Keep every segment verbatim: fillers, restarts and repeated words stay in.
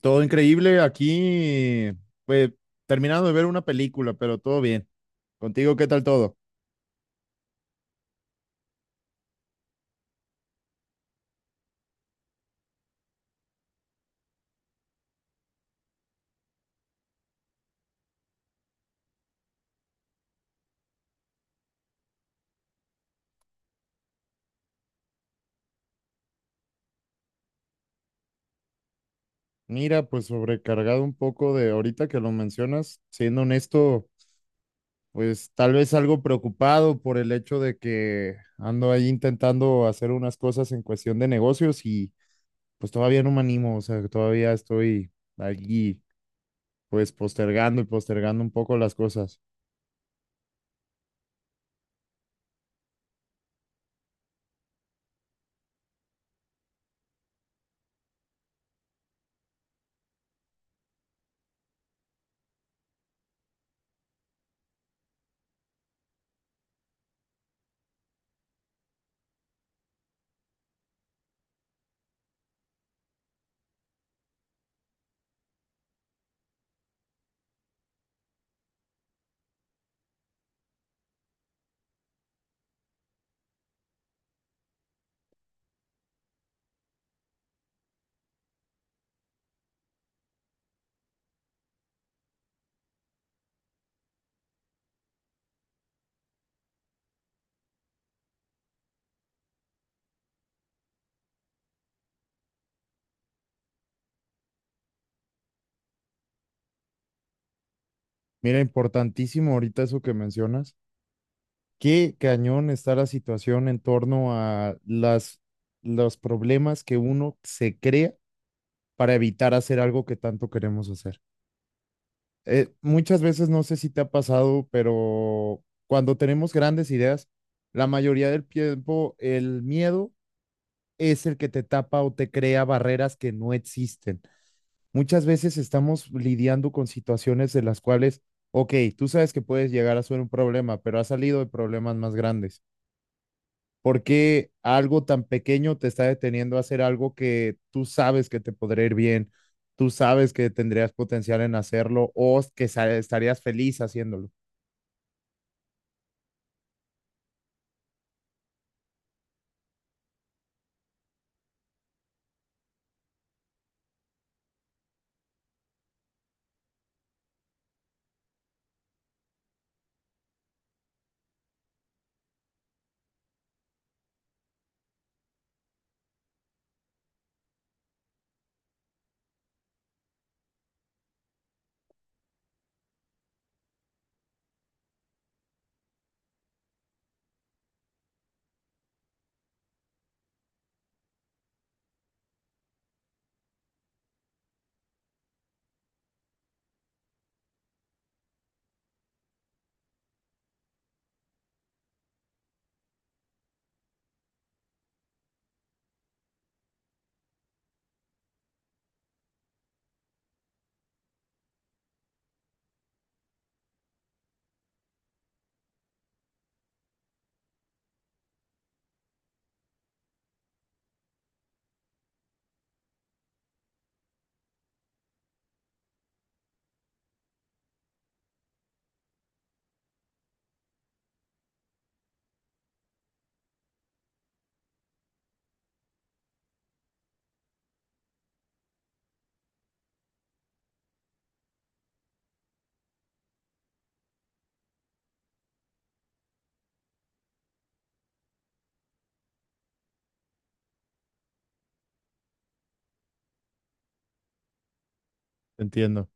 Todo increíble aquí, pues terminando de ver una película, pero todo bien. Contigo, ¿qué tal todo? Mira, pues sobrecargado un poco de ahorita que lo mencionas, siendo honesto, pues tal vez algo preocupado por el hecho de que ando ahí intentando hacer unas cosas en cuestión de negocios y pues todavía no me animo, o sea, que todavía estoy allí pues postergando y postergando un poco las cosas. Mira, importantísimo ahorita eso que mencionas. Qué cañón está la situación en torno a las, los problemas que uno se crea para evitar hacer algo que tanto queremos hacer. Eh, muchas veces, no sé si te ha pasado, pero cuando tenemos grandes ideas, la mayoría del tiempo el miedo es el que te tapa o te crea barreras que no existen. Muchas veces estamos lidiando con situaciones de las cuales, ok, tú sabes que puedes llegar a ser un problema, pero ha salido de problemas más grandes. ¿Por qué algo tan pequeño te está deteniendo a hacer algo que tú sabes que te podría ir bien, tú sabes que tendrías potencial en hacerlo o que sa- estarías feliz haciéndolo? Entiendo.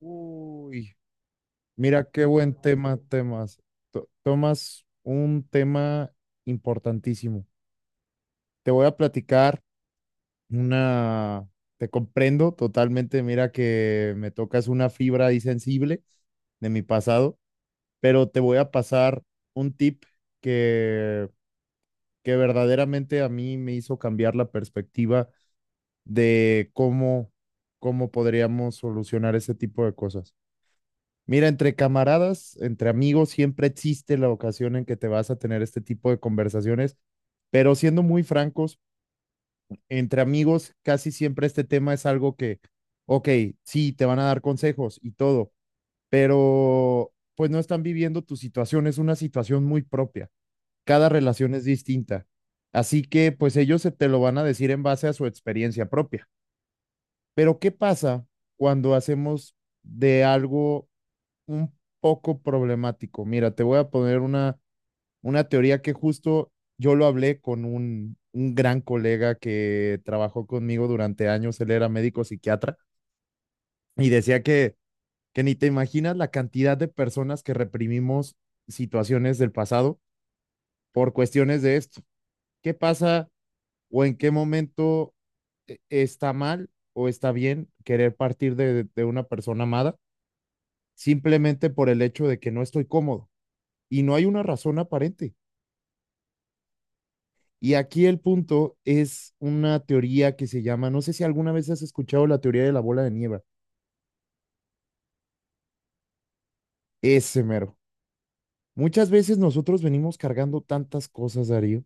Uy, mira qué buen tema, temas. To- tomas un tema importantísimo. Te voy a platicar una, te comprendo totalmente, mira que me tocas una fibra ahí sensible de mi pasado. Pero te voy a pasar un tip que, que verdaderamente a mí me hizo cambiar la perspectiva de cómo, cómo podríamos solucionar ese tipo de cosas. Mira, entre camaradas, entre amigos, siempre existe la ocasión en que te vas a tener este tipo de conversaciones, pero siendo muy francos, entre amigos casi siempre este tema es algo que, ok, sí, te van a dar consejos y todo, pero pues no están viviendo tu situación, es una situación muy propia. Cada relación es distinta. Así que pues ellos se te lo van a decir en base a su experiencia propia. Pero ¿qué pasa cuando hacemos de algo un poco problemático? Mira, te voy a poner una, una teoría que justo yo lo hablé con un, un gran colega que trabajó conmigo durante años, él era médico psiquiatra, y decía que, que ni te imaginas la cantidad de personas que reprimimos situaciones del pasado por cuestiones de esto. ¿Qué pasa o en qué momento eh, está mal o está bien querer partir de, de una persona amada simplemente por el hecho de que no estoy cómodo y no hay una razón aparente? Y aquí el punto es una teoría que se llama, no sé si alguna vez has escuchado la teoría de la bola de nieve, ese mero. Muchas veces nosotros venimos cargando tantas cosas, Darío,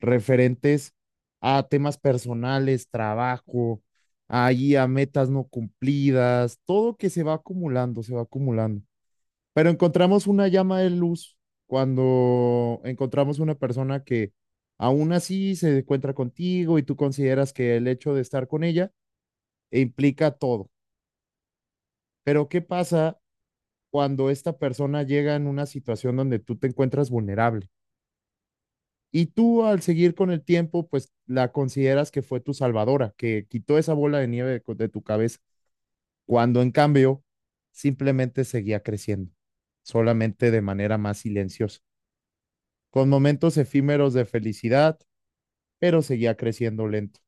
referentes a temas personales, trabajo, ahí a metas no cumplidas, todo que se va acumulando, se va acumulando. Pero encontramos una llama de luz cuando encontramos una persona que aún así se encuentra contigo y tú consideras que el hecho de estar con ella implica todo. Pero ¿qué pasa cuando esta persona llega en una situación donde tú te encuentras vulnerable? Y tú al seguir con el tiempo, pues la consideras que fue tu salvadora, que quitó esa bola de nieve de, de tu cabeza, cuando en cambio simplemente seguía creciendo, solamente de manera más silenciosa, con momentos efímeros de felicidad, pero seguía creciendo lento.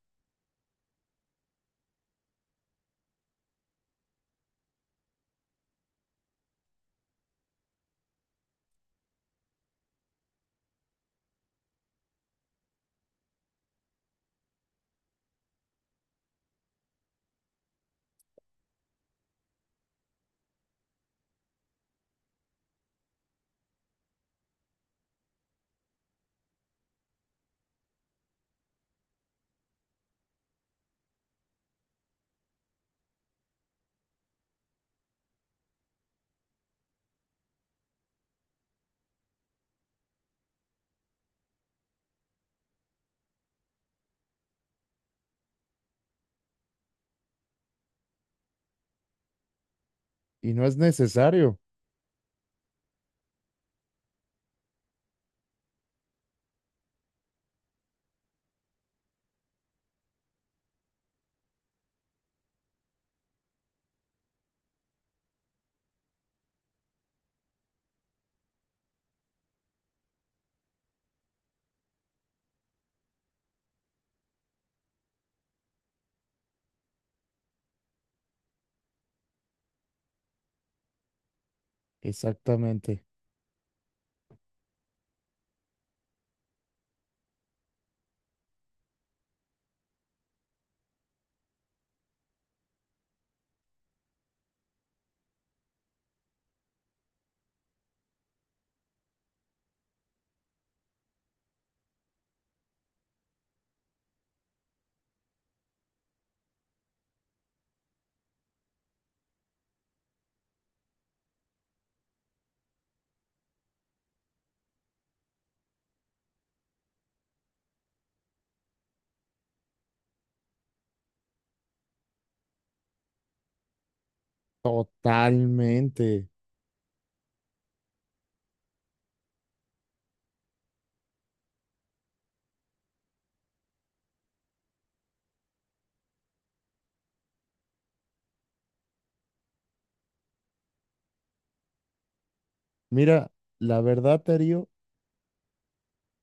Y no es necesario. Exactamente. Totalmente. Mira, la verdad, Darío,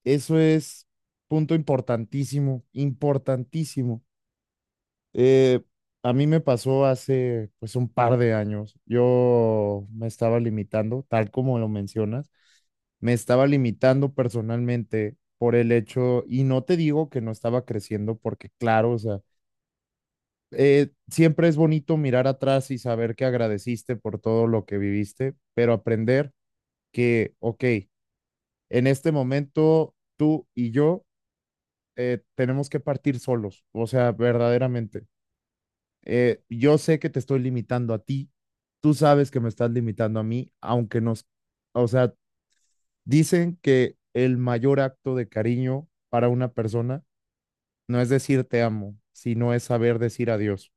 eso es punto importantísimo, importantísimo. Eh, a mí me pasó hace pues un par de años. Yo me estaba limitando, tal como lo mencionas, me estaba limitando personalmente por el hecho, y no te digo que no estaba creciendo, porque claro, o sea, eh, siempre es bonito mirar atrás y saber que agradeciste por todo lo que viviste, pero aprender que, ok, en este momento tú y yo eh, tenemos que partir solos, o sea, verdaderamente. eh, yo sé que te estoy limitando a ti, tú sabes que me estás limitando a mí, aunque nos, o sea, dicen que el mayor acto de cariño para una persona no es decir te amo, sino es saber decir adiós.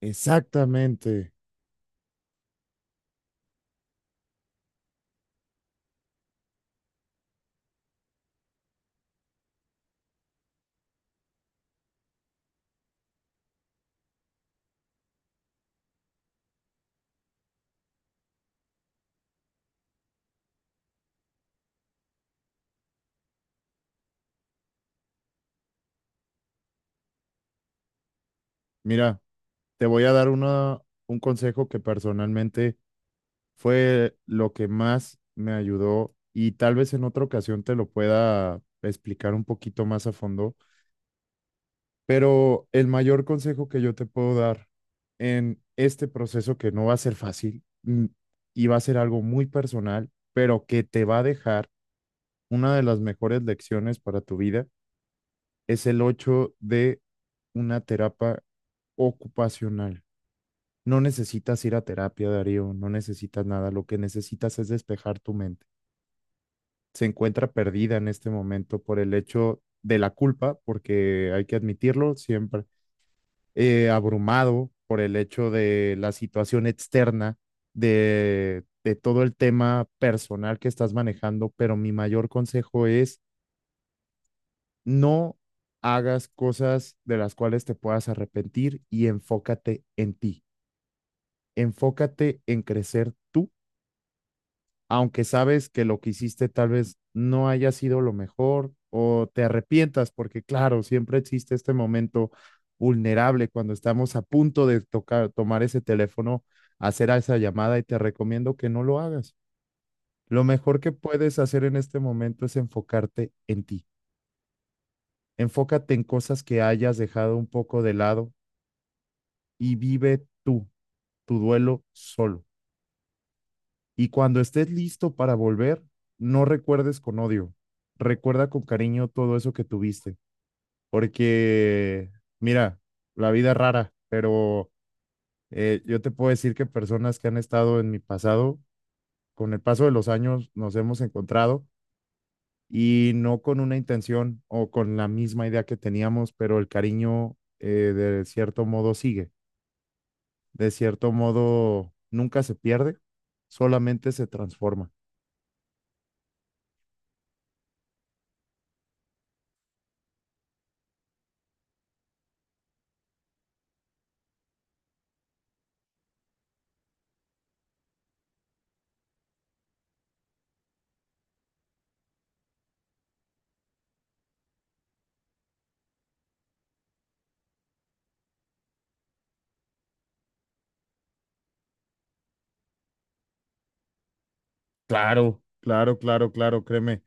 Exactamente. Mira, te voy a dar una, un consejo que personalmente fue lo que más me ayudó y tal vez en otra ocasión te lo pueda explicar un poquito más a fondo. Pero el mayor consejo que yo te puedo dar en este proceso que no va a ser fácil, mm, y va a ser algo muy personal, pero que te va a dejar una de las mejores lecciones para tu vida, es el ocho de una terapia ocupacional. No necesitas ir a terapia, Darío, no necesitas nada, lo que necesitas es despejar tu mente. Se encuentra perdida en este momento por el hecho de la culpa, porque hay que admitirlo siempre, eh, abrumado por el hecho de la situación externa, de, de todo el tema personal que estás manejando, pero mi mayor consejo es no hagas cosas de las cuales te puedas arrepentir y enfócate en ti, enfócate en crecer tú aunque sabes que lo que hiciste tal vez no haya sido lo mejor o te arrepientas, porque claro, siempre existe este momento vulnerable cuando estamos a punto de tocar, tomar ese teléfono, hacer esa llamada y te recomiendo que no lo hagas. Lo mejor que puedes hacer en este momento es enfocarte en ti. Enfócate en cosas que hayas dejado un poco de lado y vive tú, tu duelo solo. Y cuando estés listo para volver, no recuerdes con odio, recuerda con cariño todo eso que tuviste, porque mira, la vida es rara, pero eh, yo te puedo decir que personas que han estado en mi pasado, con el paso de los años nos hemos encontrado y no con una intención o con la misma idea que teníamos, pero el cariño, eh, de cierto modo sigue, de cierto modo nunca se pierde, solamente se transforma. Claro, claro, claro, claro, créeme.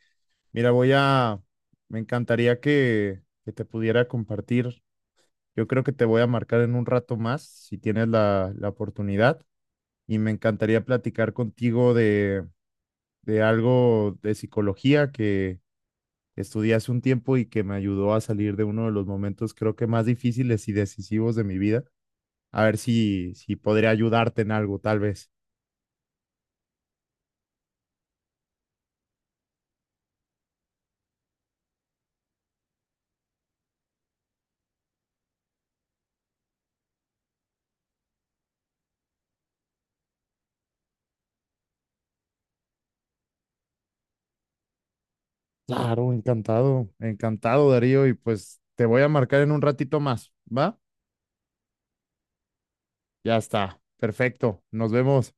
Mira, voy a, me encantaría que, que te pudiera compartir. Yo creo que te voy a marcar en un rato más, si tienes la, la oportunidad, y me encantaría platicar contigo de, de algo de psicología que estudié hace un tiempo y que me ayudó a salir de uno de los momentos, creo que más difíciles y decisivos de mi vida. A ver si, si podría ayudarte en algo, tal vez. Claro, encantado, encantado, Darío, y pues te voy a marcar en un ratito más, ¿va? Ya está, perfecto, nos vemos.